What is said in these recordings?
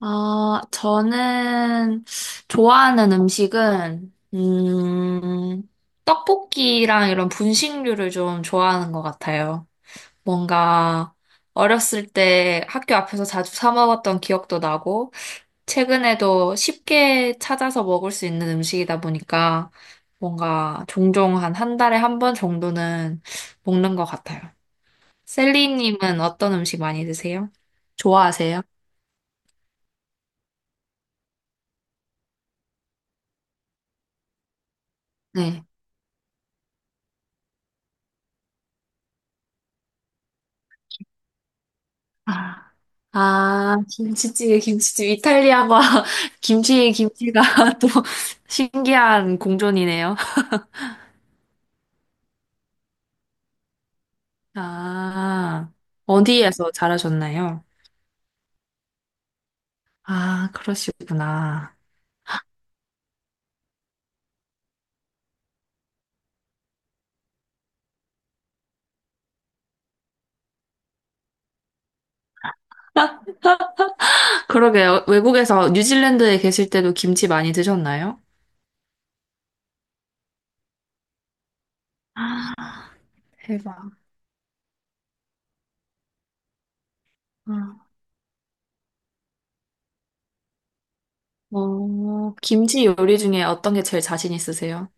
아, 저는 좋아하는 음식은, 떡볶이랑 이런 분식류를 좀 좋아하는 것 같아요. 뭔가 어렸을 때 학교 앞에서 자주 사 먹었던 기억도 나고, 최근에도 쉽게 찾아서 먹을 수 있는 음식이다 보니까 뭔가 종종 한 달에 한 번 정도는 먹는 것 같아요. 셀리님은 어떤 음식 많이 드세요? 좋아하세요? 네. 아, 김치찌개, 김치찜. 이탈리아와 김치의 김치가 또 신기한 공존이네요. 아, 어디에서 자라셨나요? 아, 그러시구나. 그러게요. 외국에서 뉴질랜드에 계실 때도 김치 많이 드셨나요? 대박. 아. 어, 김치 요리 중에 어떤 게 제일 자신 있으세요?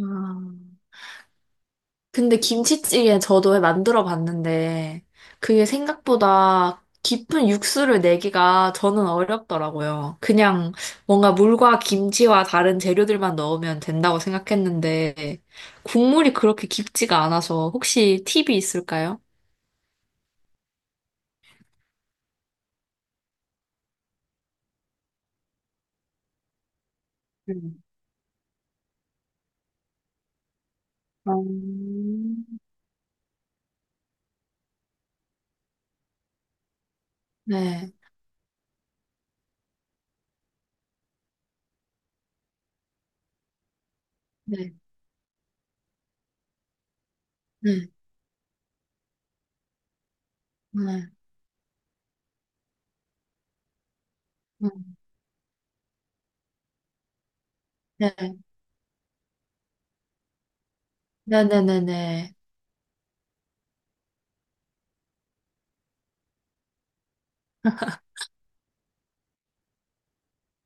아. 근데 김치찌개 저도 만들어 봤는데 그게 생각보다 깊은 육수를 내기가 저는 어렵더라고요. 그냥 뭔가 물과 김치와 다른 재료들만 넣으면 된다고 생각했는데 국물이 그렇게 깊지가 않아서 혹시 팁이 있을까요? 음. 음. 네, 네, 네, 네, 네, 네, 네, 네, 네. 네.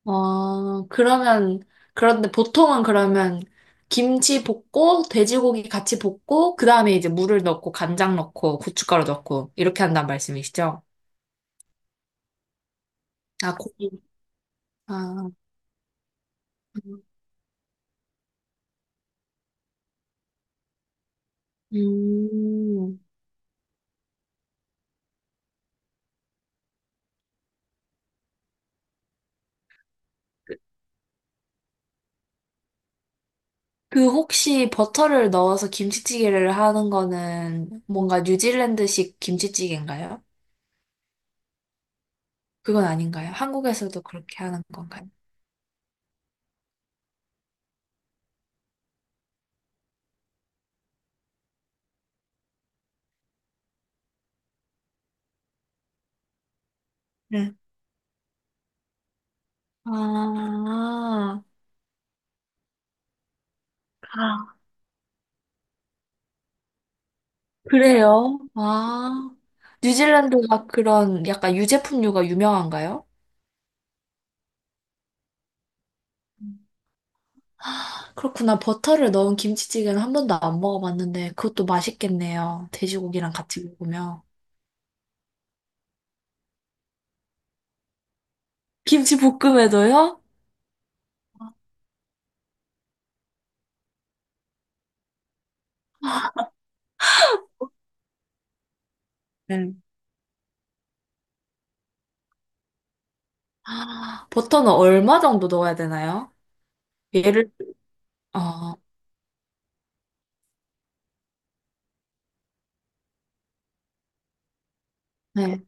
어, 그러면, 그런데 보통은 그러면 김치 볶고, 돼지고기 같이 볶고, 그 다음에 이제 물을 넣고, 간장 넣고, 고춧가루 넣고, 이렇게 한는 말씀이시죠? 아, 고기. 아, 음. 그 혹시 버터를 넣어서 김치찌개를 하는 거는 뭔가 뉴질랜드식 김치찌개인가요? 그건 아닌가요? 한국에서도 그렇게 하는 건가요? 네. 아, 아. 그래요? 아, 뉴질랜드가 그런 약간 유제품류가 유명한가요? 그렇구나. 버터를 넣은 김치찌개는 한 번도 안 먹어봤는데 그것도 맛있겠네요. 돼지고기랑 같이 먹으면. 김치볶음에도요? 네. 아, 버터는 얼마 정도 넣어야 되나요? 얘를, 어, 네.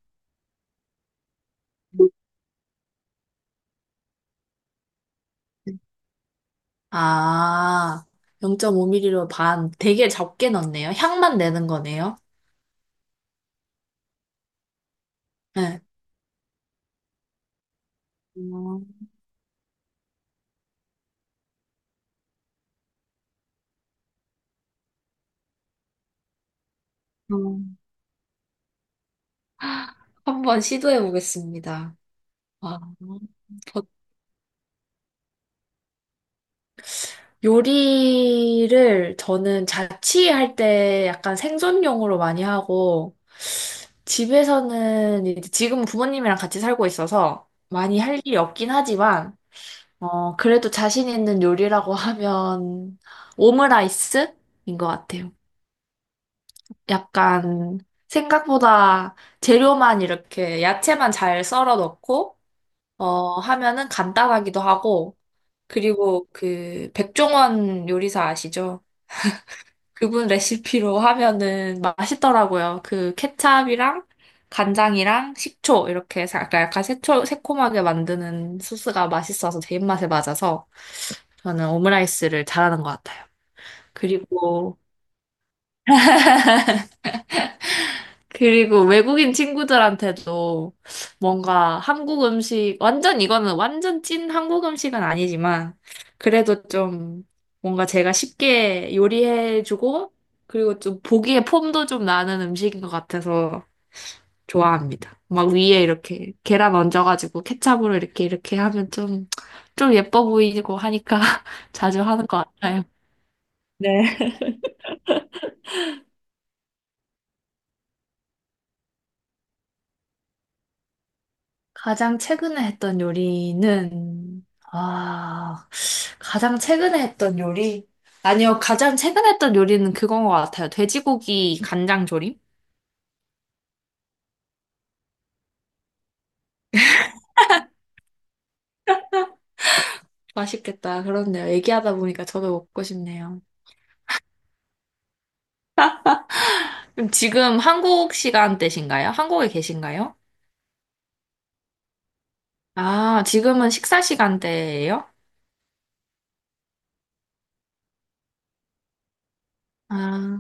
아, 0 5 m 리로 반. 되게 적게 넣네요. 향만 내는 거네요. 네. 음, 음. 한번 시도해 보겠습니다. 아, 저- 요리를 저는 자취할 때 약간 생존용으로 많이 하고, 집에서는 이제 지금 부모님이랑 같이 살고 있어서 많이 할 일이 없긴 하지만, 어, 그래도 자신 있는 요리라고 하면 오므라이스인 것 같아요. 약간 생각보다 재료만 이렇게 야채만 잘 썰어 넣고, 어, 하면은 간단하기도 하고, 그리고 그 백종원 요리사 아시죠? 그분 레시피로 하면은 맛있더라고요. 그 케찹이랑 간장이랑 식초 이렇게 약간 새콤하게 만드는 소스가 맛있어서 제 입맛에 맞아서 저는 오므라이스를 잘하는 것 같아요. 그리고 그리고 외국인 친구들한테도 뭔가 한국 음식, 완전 이거는 완전 찐 한국 음식은 아니지만, 그래도 좀 뭔가 제가 쉽게 요리해주고, 그리고 좀 보기에 폼도 좀 나는 음식인 것 같아서 좋아합니다. 막 위에 이렇게 계란 얹어가지고 케첩으로 이렇게 이렇게 하면 좀, 좀 예뻐 보이고 하니까 자주 하는 것 같아요. 네. 가장 최근에 했던 요리는, 아, 가장 최근에 했던 요리? 아니요, 가장 최근에 했던 요리는 그건 것 같아요. 돼지고기 간장조림? 맛있겠다. 그렇네요. 얘기하다 보니까 저도 먹고 싶네요. 그럼 지금 한국 시간대신가요? 한국에 계신가요? 아, 지금은 식사 시간대예요? 아,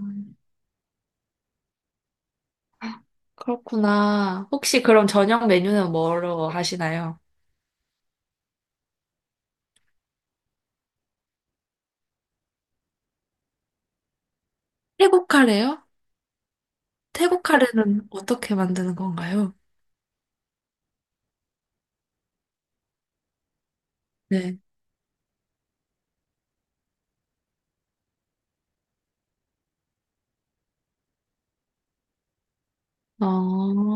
그렇구나. 혹시 그럼 저녁 메뉴는 뭐로 하시나요? 태국 카레요? 태국 카레는 어떻게 만드는 건가요? 네. 어,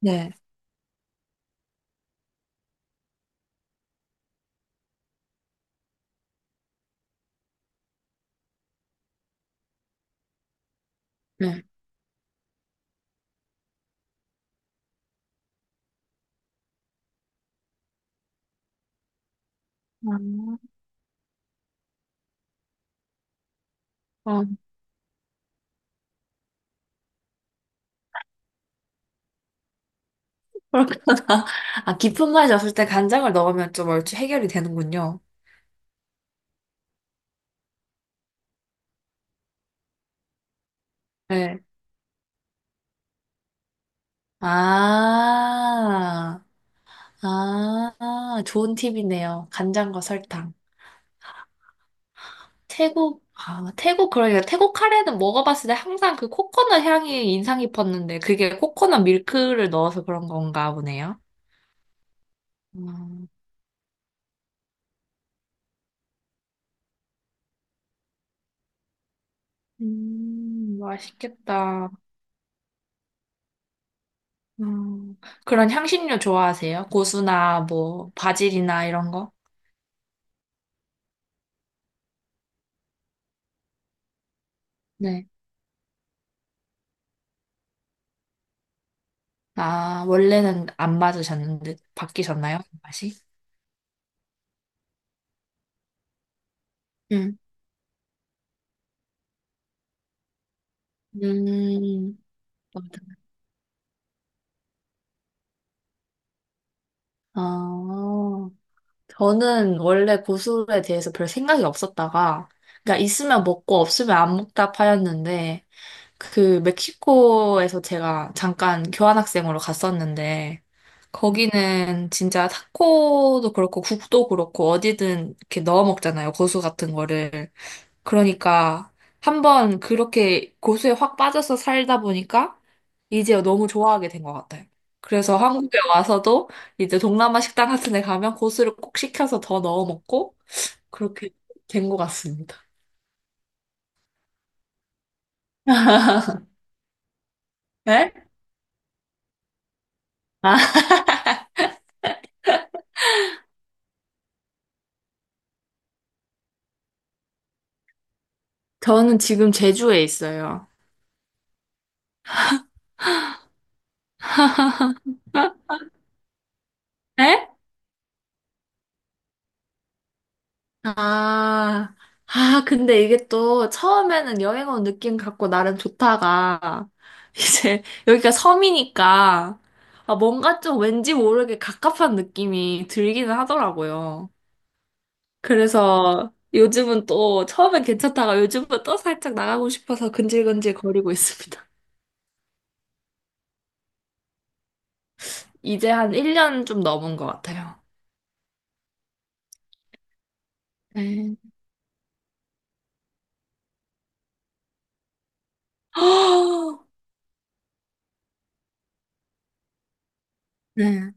네. 네. 아, 어, 그렇구나. 아, 깊은 맛이 없을 때 간장을 넣으면 좀 얼추 해결이 되는군요. 네. 아, 아, 좋은 팁이네요. 간장과 설탕. 태국, 아, 태국, 그러니까 태국 카레는 먹어봤을 때 항상 그 코코넛 향이 인상 깊었는데 그게 코코넛 밀크를 넣어서 그런 건가 보네요. 음, 맛있겠다. 음, 그런 향신료 좋아하세요? 고수나 뭐 바질이나 이런 거? 네. 아, 원래는 안 맞으셨는데 바뀌셨나요? 그 맛이? 응, 음, 맞아. 아, 저는 원래 고수에 대해서 별 생각이 없었다가, 그러니까 있으면 먹고 없으면 안 먹다 파였는데, 그 멕시코에서 제가 잠깐 교환학생으로 갔었는데, 거기는 진짜 타코도 그렇고 국도 그렇고 어디든 이렇게 넣어 먹잖아요. 고수 같은 거를. 그러니까 한 번 그렇게 고수에 확 빠져서 살다 보니까 이제 너무 좋아하게 된 것 같아요. 그래서 한국에 와서도 이제 동남아 식당 같은 데 가면 고수를 꼭 시켜서 더 넣어 먹고 그렇게 된 것 같습니다. 네? 아, 저는 지금 제주에 있어요. 네? 아, 아, 근데 이게 또 처음에는 여행 온 느낌 갖고 나름 좋다가, 이제 여기가 섬이니까, 아, 뭔가 좀 왠지 모르게 갑갑한 느낌이 들기는 하더라고요. 그래서 요즘은 또 처음엔 괜찮다가 요즘은 또 살짝 나가고 싶어서 근질근질 거리고 있습니다. 이제 한 1년 좀 넘은 것 같아요. 네. 네.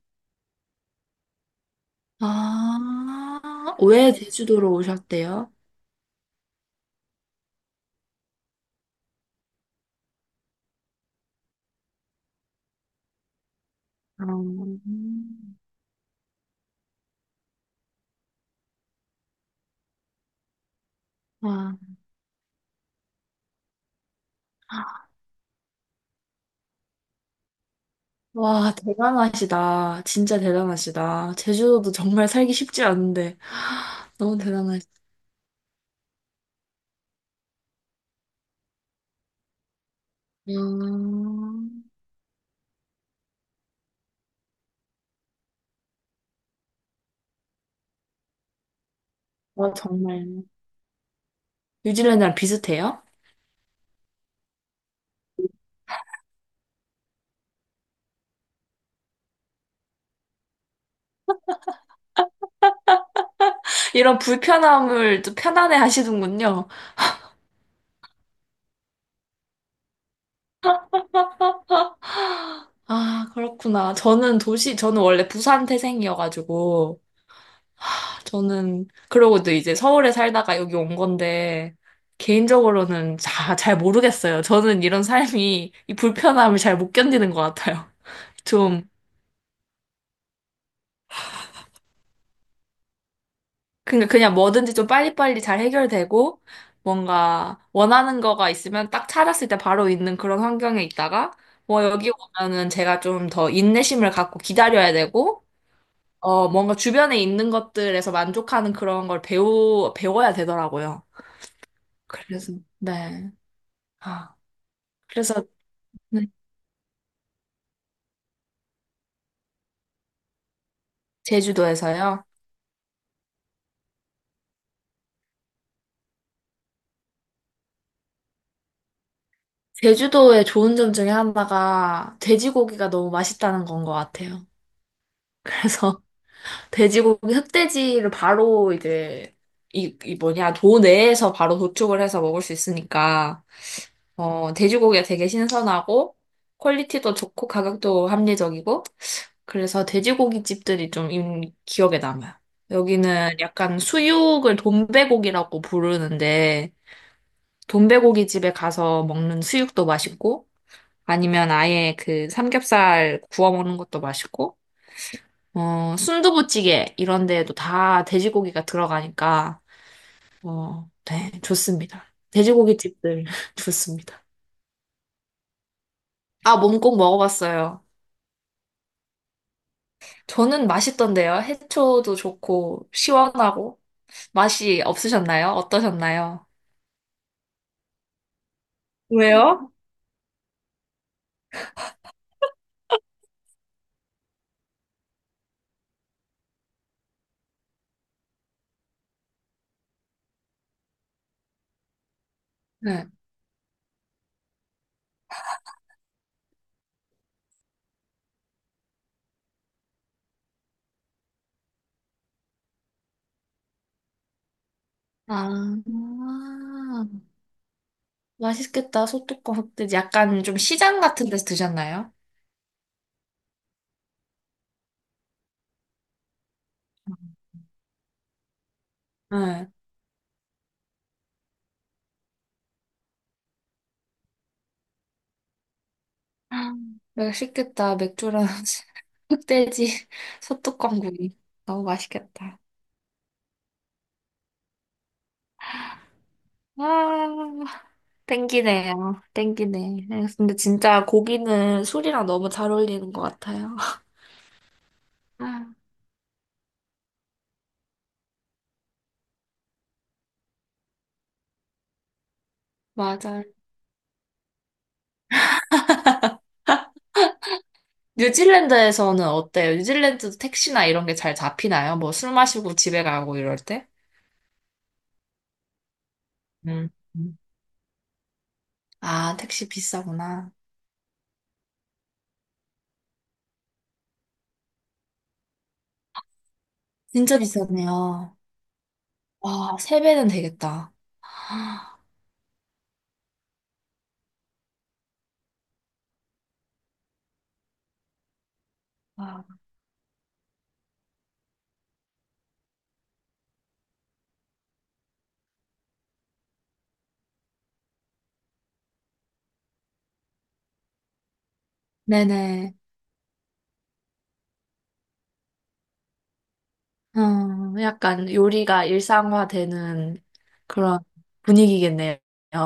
아, 왜 제주도로 오셨대요? 아... 와, 와, 대단하시다. 진짜 대단하시다. 제주도도 정말 살기 쉽지 않은데. 너무 대단하시다. 음, 와, 정말. 뉴질랜드랑 비슷해요? 이런 불편함을 또 편안해 하시는군요. 아, 그렇구나. 저는 도시, 저는 원래 부산 태생이어가지고, 저는, 그러고도 이제 서울에 살다가 여기 온 건데, 개인적으로는 잘 모르겠어요. 저는 이런 삶이, 이 불편함을 잘 못 견디는 것 같아요. 좀, 그러니까 그냥 뭐든지 좀 빨리빨리 잘 해결되고 뭔가 원하는 거가 있으면 딱 찾았을 때 바로 있는 그런 환경에 있다가 뭐 여기 오면은 제가 좀 더 인내심을 갖고 기다려야 되고 어 뭔가 주변에 있는 것들에서 만족하는 그런 걸 배우 배워야 되더라고요. 그래서 네. 아, 그래서 네, 제주도에서요. 제주도의 좋은 점 중에 하나가 돼지고기가 너무 맛있다는 건 것 같아요. 그래서 돼지고기 흑돼지를 바로 이제 이 뭐냐 도 내에서 바로 도축을 해서 먹을 수 있으니까 어 돼지고기가 되게 신선하고 퀄리티도 좋고 가격도 합리적이고 그래서 돼지고기 집들이 좀 기억에 남아요. 여기는 약간 수육을 돈베고기라고 부르는데 돈베고기 집에 가서 먹는 수육도 맛있고 아니면 아예 그 삼겹살 구워 먹는 것도 맛있고 어, 순두부찌개 이런 데에도 다 돼지고기가 들어가니까 어, 네, 좋습니다. 돼지고기 집들 좋습니다. 아, 몸꼭 먹어봤어요. 저는 맛있던데요. 해초도 좋고 시원하고 맛이 없으셨나요? 어떠셨나요? 왜요? 네. 아, 맛있겠다. 소뚜껑 흑돼지 약간 좀 시장 같은 데서 드셨나요? 네. 맛있겠다. 맥주랑 흑돼지 소뚜껑구이. 너무 맛있겠다. 아, 땡기네요. 땡기네. 근데 진짜 고기는 술이랑 너무 잘 어울리는 것 같아요. 아, 맞아요. 뉴질랜드에서는 어때요? 뉴질랜드도 택시나 이런 게 잘 잡히나요? 뭐 술 마시고 집에 가고 이럴 때? 음. 음. 아, 택시 비싸구나. 진짜 비싸네요. 와, 세 배는 되겠다. 아, 와. 네네. 약간 요리가 일상화되는 그런 분위기겠네요.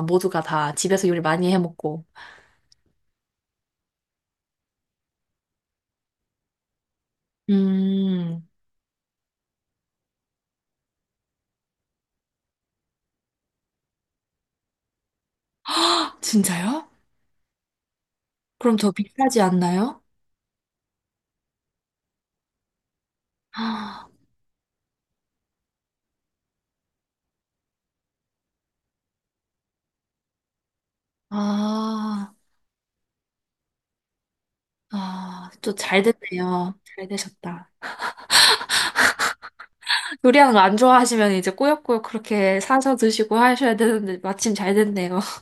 모두가 다 집에서 요리 많이 해 먹고. 음, 헉, 진짜요? 그럼 더 비싸지 않나요? 아, 아, 아, 또 잘 됐네요. 잘 되셨다. 요리하는 거 안 좋아하시면 이제 꾸역꾸역 그렇게 사서 드시고 하셔야 되는데 마침 잘 됐네요.